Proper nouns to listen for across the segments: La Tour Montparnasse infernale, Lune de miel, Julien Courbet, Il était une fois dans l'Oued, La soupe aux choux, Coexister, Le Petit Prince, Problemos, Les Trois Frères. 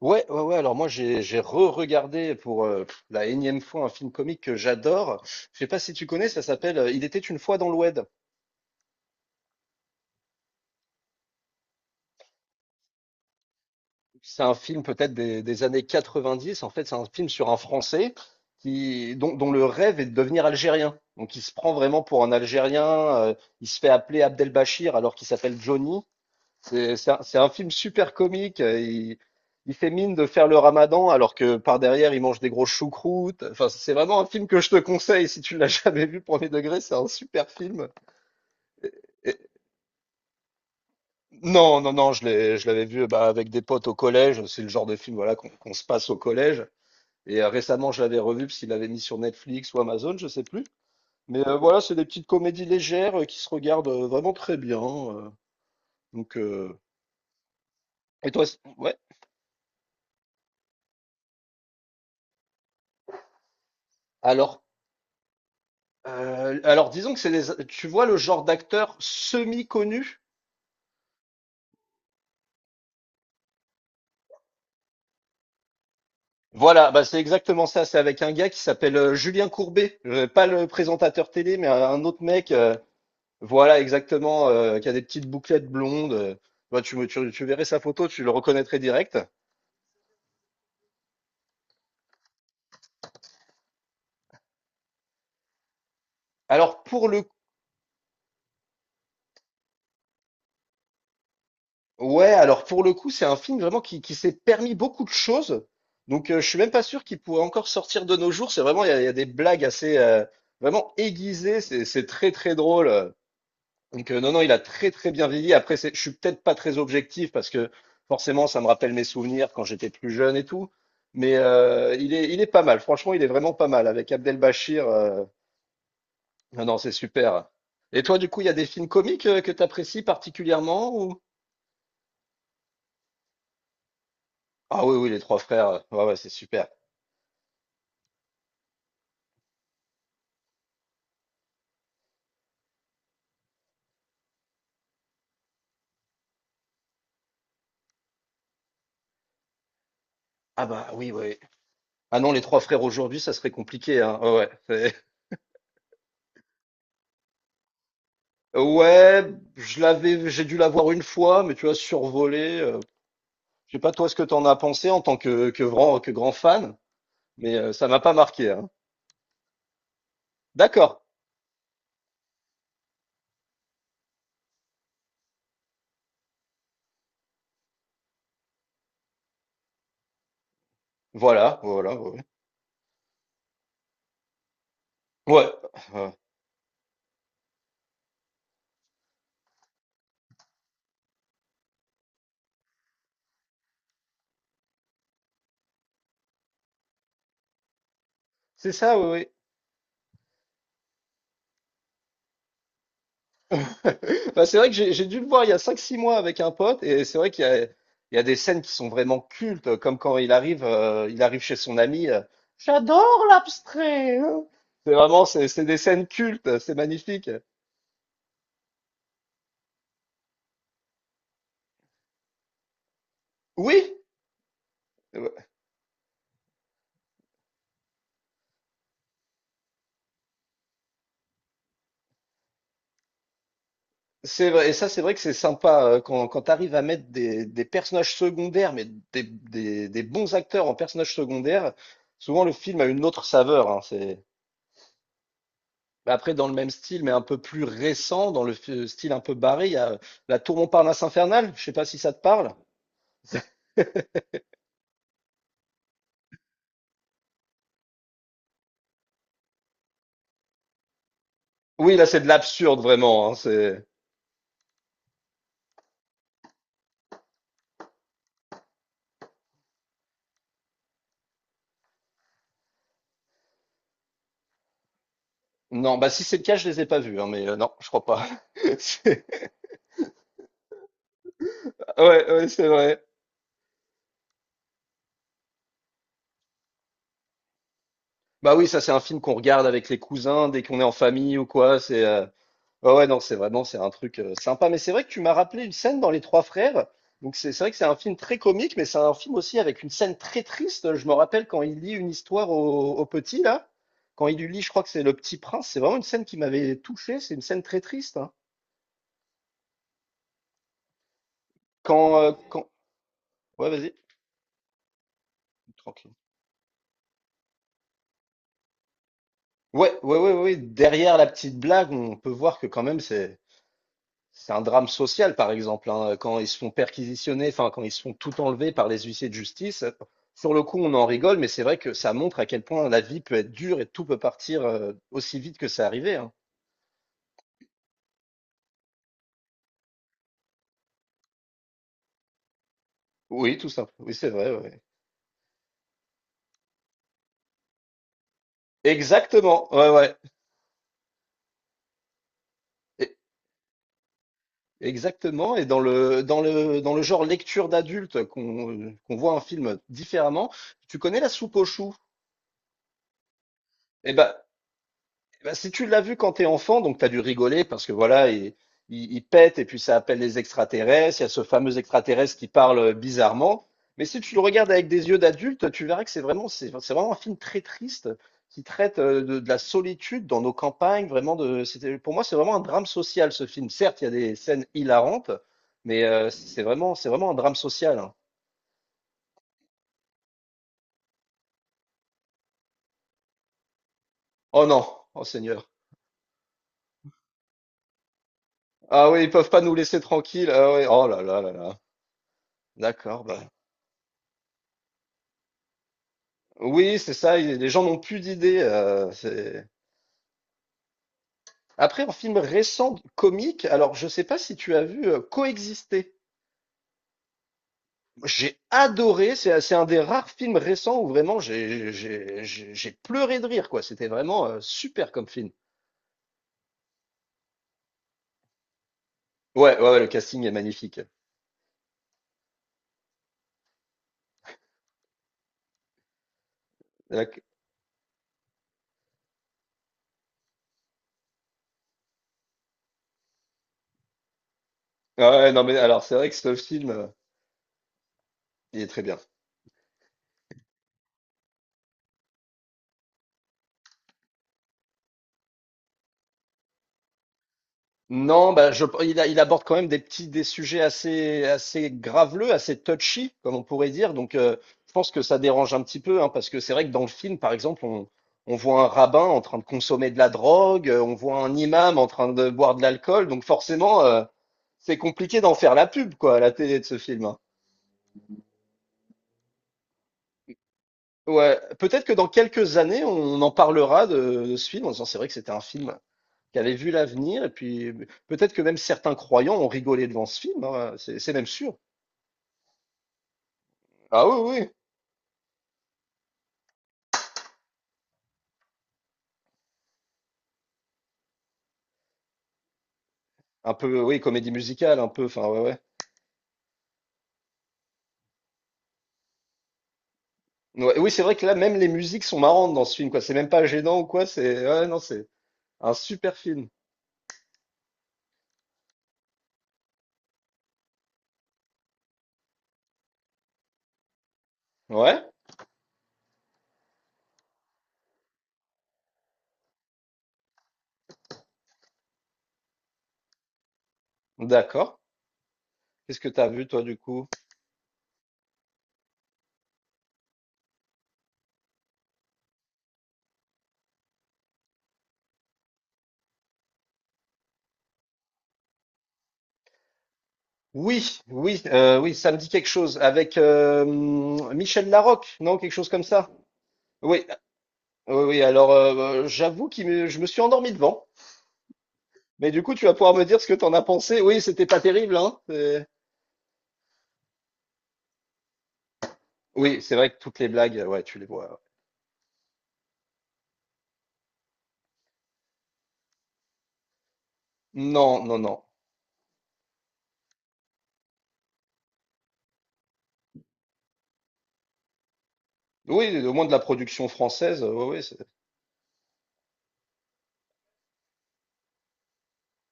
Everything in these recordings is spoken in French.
Ouais, ouais, ouais. Alors moi, j'ai re-regardé pour la énième fois un film comique que j'adore. Je sais pas si tu connais, ça s'appelle Il était une fois dans l'Oued. C'est un film peut-être des années 90. En fait, c'est un film sur un Français qui dont, dont le rêve est de devenir algérien. Donc, il se prend vraiment pour un Algérien. Il se fait appeler Abdelbachir alors qu'il s'appelle Johnny. C'est un film super comique. Il fait mine de faire le ramadan alors que par derrière, il mange des grosses choucroutes. Enfin, c'est vraiment un film que je te conseille si tu ne l'as jamais vu, premier degré. C'est un super film. Et- et- Non, non, non, je l'avais vu bah, avec des potes au collège. C'est le genre de film voilà, qu'on se passe au collège. Et récemment, je l'avais revu parce qu'il l'avait mis sur Netflix ou Amazon, je sais plus. Mais voilà, c'est des petites comédies légères qui se regardent vraiment très bien. Donc, et toi, ouais. Alors, alors disons que c'est des tu vois le genre d'acteur semi-connu? Voilà, bah, c'est exactement ça, c'est avec un gars qui s'appelle, Julien Courbet, pas le présentateur télé, mais un autre mec, voilà exactement, qui a des petites bouclettes blondes, bah, tu verrais sa photo, tu le reconnaîtrais direct. Alors pour le Ouais, alors pour le coup, c'est un film vraiment qui s'est permis beaucoup de choses, donc je suis même pas sûr qu'il pourrait encore sortir de nos jours. C'est vraiment il y a des blagues assez, vraiment aiguisées, c'est très, très drôle. Donc, non, non, il a très très bien vieilli. Après, je suis peut-être pas très objectif parce que forcément, ça me rappelle mes souvenirs quand j'étais plus jeune et tout. Mais il est pas mal. Franchement, il est vraiment pas mal avec Abdelbachir. Non, non, c'est super. Et toi, du coup, il y a des films comiques que tu apprécies particulièrement ou... Ah oui, oui, Les Trois Frères. Ouais, ouais, c'est super. Ah bah oui, oui. Ah non, Les Trois Frères aujourd'hui, ça serait compliqué, hein. Ouais, ouais. c'est- Ouais, j'ai dû la voir une fois, mais tu vois, survolé. Je sais pas toi ce que tu en as pensé en tant que grand fan, mais ça m'a pas marqué. Hein. D'accord. Voilà, voilà, ouais. Ouais, euh, c'est ça, oui, oui. Bah, c'est vrai que j'ai dû le voir il y a 5, 6 mois avec un pote, et c'est vrai qu'il y a des scènes qui sont vraiment cultes, comme quand il arrive chez son ami. J'adore l'abstrait. Hein. C'est vraiment, c'est des scènes cultes, c'est magnifique. Oui, c'est vrai, et ça, c'est vrai que c'est sympa quand tu arrives à mettre des personnages secondaires, mais des bons acteurs en personnages secondaires. Souvent, le film a une autre saveur. Hein, c'est... Bah, après, dans le même style, mais un peu plus récent, dans le style un peu barré, il y a La Tour Montparnasse infernale. Je sais pas si ça te parle. Oui, là, c'est de l'absurde, vraiment. Hein, c'est... Non, bah si c'est le cas, je les ai pas vus, hein, mais non, je crois pas. C'est- Ouais, ouais, c'est vrai. Bah oui, ça, c'est un film qu'on regarde avec les cousins dès qu'on est en famille ou quoi. C'est Ouais, ouais, non, c'est vraiment, c'est un truc sympa. Mais c'est vrai que tu m'as rappelé une scène dans Les Trois Frères. Donc c'est vrai que c'est un film très comique, mais c'est un film aussi avec une scène très triste. Je me rappelle quand il lit une histoire au petit, là. Quand il lui lit, je crois que c'est Le Petit Prince. C'est vraiment une scène qui m'avait touché. C'est une scène très triste. Hein. Quand... Ouais, vas-y, tranquille. Ouais, ouais, ouais, ouais, ouais. Derrière la petite blague, on peut voir que quand même, c'est... C'est un drame social, par exemple, hein, quand ils se font perquisitionner, enfin, quand ils se font tout enlever par les huissiers de justice. Sur le coup, on en rigole, mais c'est vrai que ça montre à quel point la vie peut être dure et tout peut partir aussi vite que c'est arrivé. Hein. Oui, tout simple. Oui, c'est vrai. Ouais. Exactement. Ouais, ouais. Et- exactement. Et dans le, dans le genre lecture d'adulte qu'on voit un film différemment, tu connais La Soupe aux choux? Eh ben, Eh ben, si tu l'as vu quand t'es enfant, donc t'as dû rigoler parce que voilà, il pète et puis ça appelle les extraterrestres. Il y a ce fameux extraterrestre qui parle bizarrement. Mais si tu le regardes avec des yeux d'adulte, tu verras que c'est vraiment, c'est vraiment un film très triste qui traite de la solitude dans nos campagnes. Pour moi, c'est vraiment un drame social ce film. Certes, il y a des scènes hilarantes, mais c'est vraiment un drame social. Hein. Oh non, oh Seigneur. Ah oui, ils peuvent pas nous laisser tranquilles. Ah oui, oh là là là là. D'accord, bah. Oui, c'est ça, les gens n'ont plus d'idées. Après, un film récent, comique, alors je sais pas si tu as vu Coexister. J'ai adoré, c'est un des rares films récents où vraiment j'ai pleuré de rire, quoi. C'était vraiment super comme film. Ouais, ouais, ouais, le casting est magnifique. D'ac- Ouais, non, mais alors c'est vrai que ce film, il est très bien. Non, bah, il aborde quand même des sujets assez, assez graveleux, assez touchy, comme on pourrait dire. Donc, je pense que ça dérange un petit peu, hein, parce que c'est vrai que dans le film, par exemple, on voit un rabbin en train de consommer de la drogue, on voit un imam en train de boire de l'alcool. Donc, forcément, c'est compliqué d'en faire la pub, quoi, à la télé de ce film. Hein. Ouais, peut-être que dans quelques années, on en parlera de ce film en disant c'est vrai que c'était un film qui avait vu l'avenir, et puis peut-être que même certains croyants ont rigolé devant ce film, hein, c'est même sûr. Ah oui, oui, un peu, oui, comédie musicale, un peu, enfin, ouais, ouais. Ouais, oui, c'est vrai que là, même les musiques sont marrantes dans ce film, quoi. C'est même pas gênant ou quoi, c'est, ouais, non, c'est un super film. Ouais, d'accord. Qu'est-ce que t'as vu, toi, du coup? Oui, oui, oui, ça me dit quelque chose. Avec Michel Larocque, non, quelque chose comme ça. Oui, oui, oui. Alors, j'avoue que je me suis endormi devant. Mais du coup, tu vas pouvoir me dire ce que t'en as pensé. Oui, c'était pas terrible, hein. Oui, c'est vrai que toutes les blagues, ouais, tu les vois, ouais. Non, non, non. Oui, au moins de la production française, oui, oui.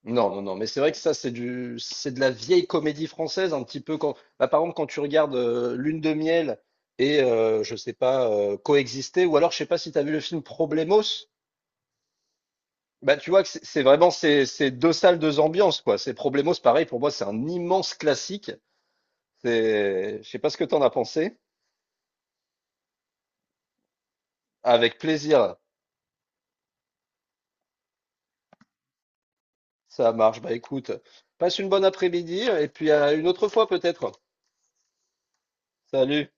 Non, non, non, mais c'est vrai que ça, c'est de la vieille comédie française, un petit peu quand, bah, par exemple, quand tu regardes Lune de miel et, je sais pas, Coexister, ou alors, je sais pas si tu as vu le film Problemos, bah, tu vois que c'est vraiment ces deux salles, deux ambiances, quoi. C'est Problemos, pareil, pour moi, c'est un immense classique. Je sais pas ce que t'en as pensé. Avec plaisir, ça marche. Bah, écoute, passe une bonne après-midi, et puis à une autre fois, peut-être. Salut.